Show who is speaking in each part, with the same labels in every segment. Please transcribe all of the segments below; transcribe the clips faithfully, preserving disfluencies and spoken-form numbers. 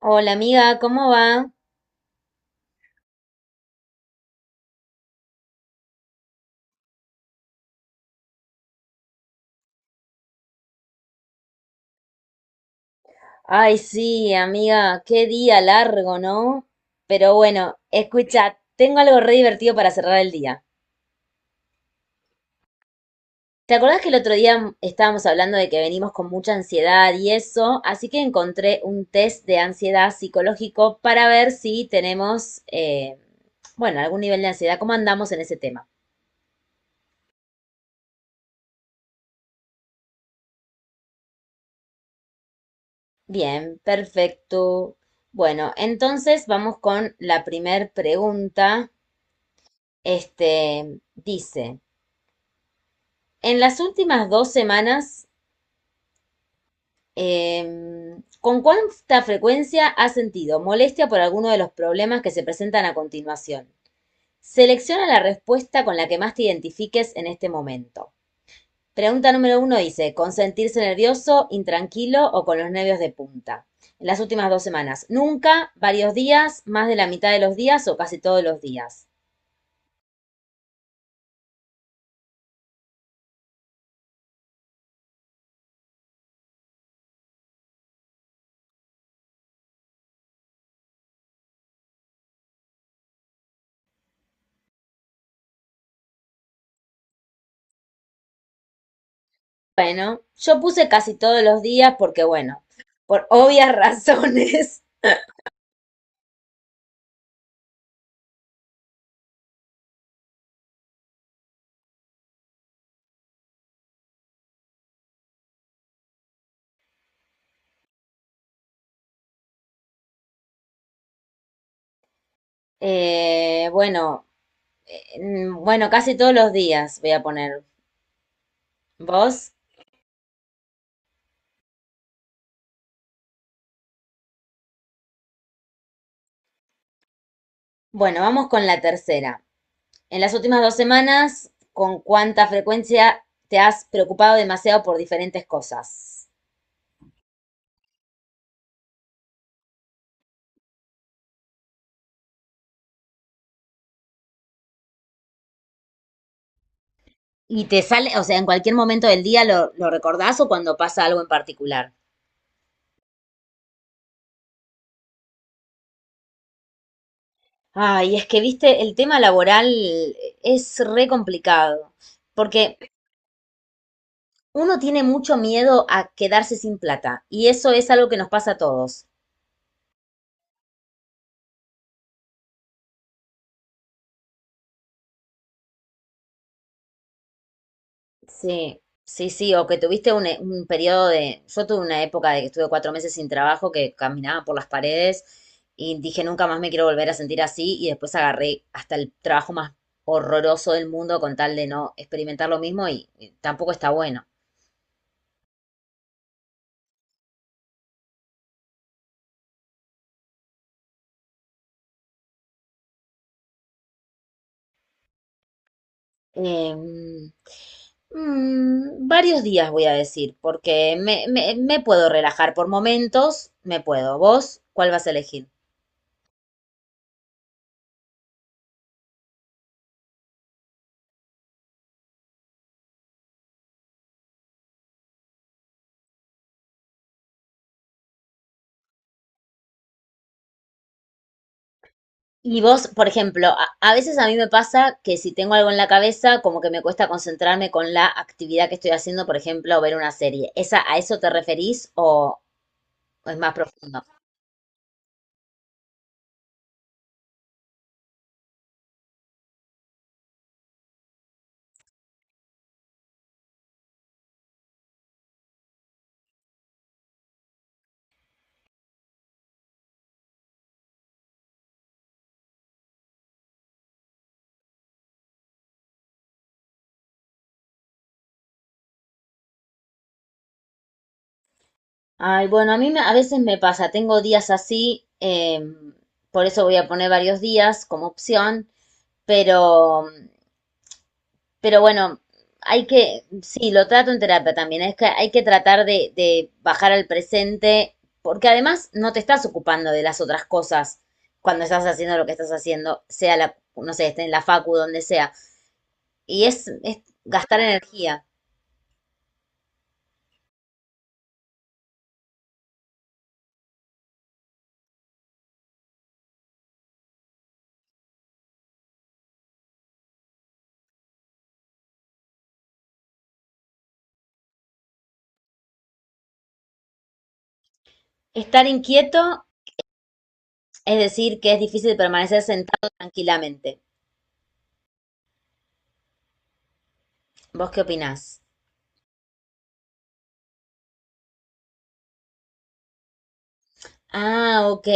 Speaker 1: Hola amiga, ¿cómo va? Ay, sí, amiga, qué día largo, ¿no? Pero bueno, escucha, tengo algo re divertido para cerrar el día. ¿Te acordás que el otro día estábamos hablando de que venimos con mucha ansiedad y eso? Así que encontré un test de ansiedad psicológico para ver si tenemos, eh, bueno, algún nivel de ansiedad, cómo andamos en ese tema. Bien, perfecto. Bueno, entonces vamos con la primer pregunta. Este dice. En las últimas dos semanas, eh, ¿con cuánta frecuencia has sentido molestia por alguno de los problemas que se presentan a continuación? Selecciona la respuesta con la que más te identifiques en este momento. Pregunta número uno dice, ¿con sentirse nervioso, intranquilo o con los nervios de punta? En las últimas dos semanas, nunca, varios días, más de la mitad de los días o casi todos los días. Bueno, yo puse casi todos los días porque, bueno, por obvias razones. Eh, bueno, mm, bueno, casi todos los días voy a poner. ¿Vos? Bueno, vamos con la tercera. En las últimas dos semanas, ¿con cuánta frecuencia te has preocupado demasiado por diferentes cosas? Y te sale, o sea, en cualquier momento del día lo, lo recordás o cuando pasa algo en particular. Ay, es que, viste, el tema laboral es re complicado, porque uno tiene mucho miedo a quedarse sin plata, y eso es algo que nos pasa a todos. Sí, sí, sí, o que tuviste un, e- un periodo de... Yo tuve una época de que estuve cuatro meses sin trabajo, que caminaba por las paredes y dije, nunca más me quiero volver a sentir así, y después agarré hasta el trabajo más horroroso del mundo con tal de no experimentar lo mismo y, y tampoco está bueno. Em, mm, varios días voy a decir, porque me, me, me puedo relajar por momentos, me puedo. ¿Vos cuál vas a elegir? Y vos, por ejemplo, a, a veces a mí me pasa que si tengo algo en la cabeza, como que me cuesta concentrarme con la actividad que estoy haciendo, por ejemplo, ver una serie. ¿Esa, a eso te referís o, o es más profundo? Ay, bueno, a mí me- a veces me pasa, tengo días así, em, por eso voy a poner varios días como opción, pero Pero bueno, hay que, sí, lo trato en terapia también, es que hay que tratar de, de bajar al presente, porque además no te estás ocupando de las otras cosas cuando estás haciendo lo que estás haciendo, sea la, no sé, esté en la facu, donde sea. Y es, es gastar energía. Estar inquieto es decir que es difícil permanecer sentado tranquilamente. ¿Vos qué opinás? Ah, ok.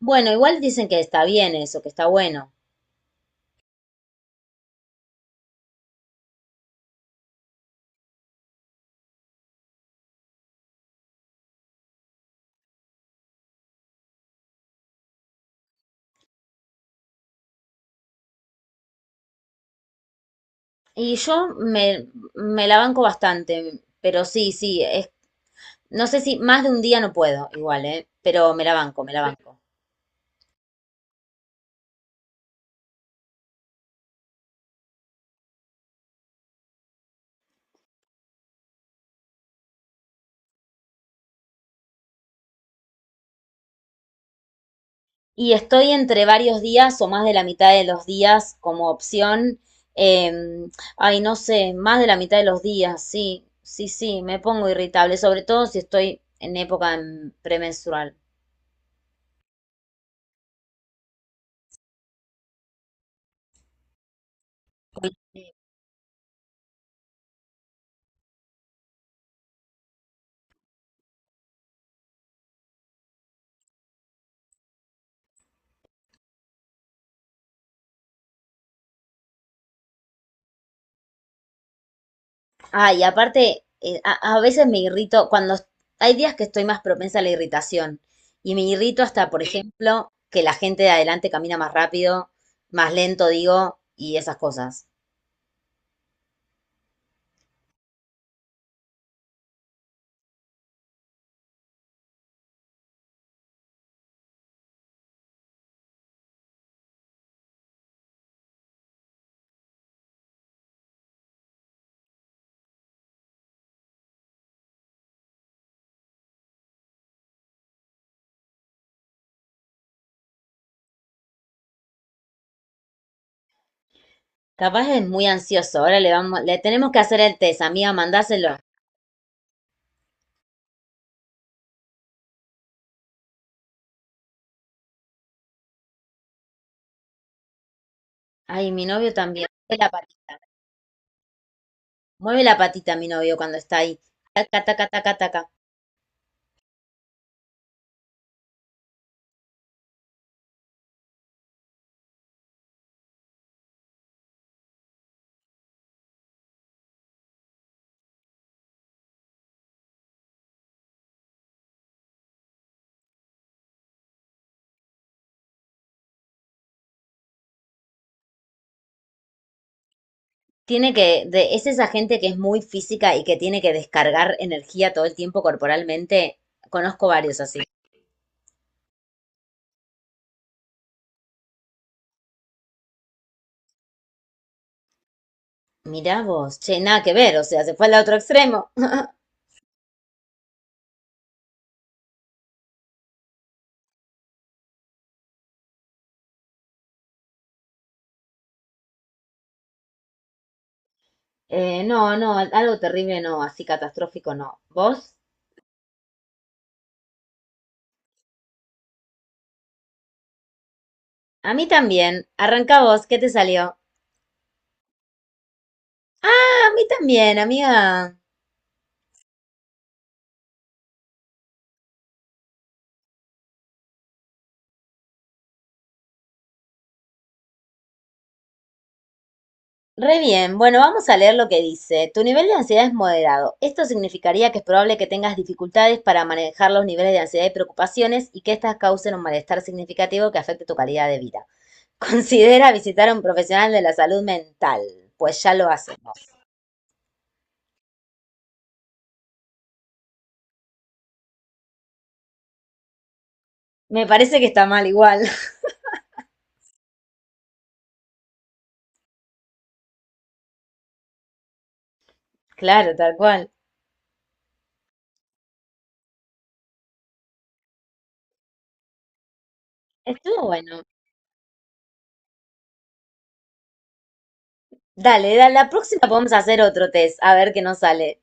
Speaker 1: Bueno, igual dicen que está bien eso, que está bueno. Y yo me, me la banco bastante, pero sí, sí, es, no sé si más de un día no puedo, igual, ¿eh? Pero me la banco, me la banco. Y estoy entre varios días o más de la mitad de los días como opción. em, ay, no sé, más de la mitad de los días, sí, sí, sí, me pongo irritable, sobre todo si estoy en época em, premenstrual. Ay, aparte, eh, a, a veces me irrito cuando est- hay días que estoy más propensa a la irritación y me irrito hasta, por sí, ejemplo, que la gente de adelante camina más rápido, más lento, digo, y esas cosas. Capaz es muy ansioso. Ahora le vamos, le tenemos que hacer el test, amiga, mandáselo. Ay, mi novio también. Mueve la patita. Mueve la patita mi novio cuando está ahí. Taca, taca, taca, taca. Tiene que, de, es esa gente que es muy física y que tiene que descargar energía todo el tiempo corporalmente. Conozco varios así. Mirá vos, che, nada que ver, o sea, se fue al otro extremo. Eh, no, no, algo terrible no, así catastrófico no. ¿Vos? A mí también. Arranca vos, ¿qué te salió? A mí también, amiga. Re bien, bueno, vamos a leer lo que dice. Tu nivel de ansiedad es moderado. Esto significaría que es probable que tengas dificultades para manejar los niveles de ansiedad y preocupaciones y que estas causen un malestar significativo que afecte tu calidad de vida. Considera visitar a un profesional de la salud mental, pues ya lo hacemos. Me parece que está mal igual. Claro, tal cual. Estuvo bueno. Dale, da- la próxima podemos hacer otro test, a ver qué nos sale.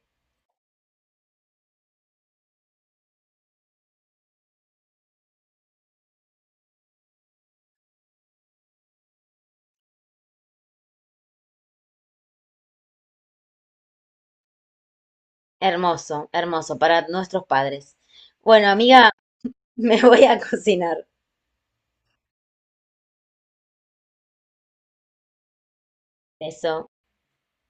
Speaker 1: Hermoso, hermoso, para nuestros padres. Bueno, amiga, me voy a cocinar. Eso.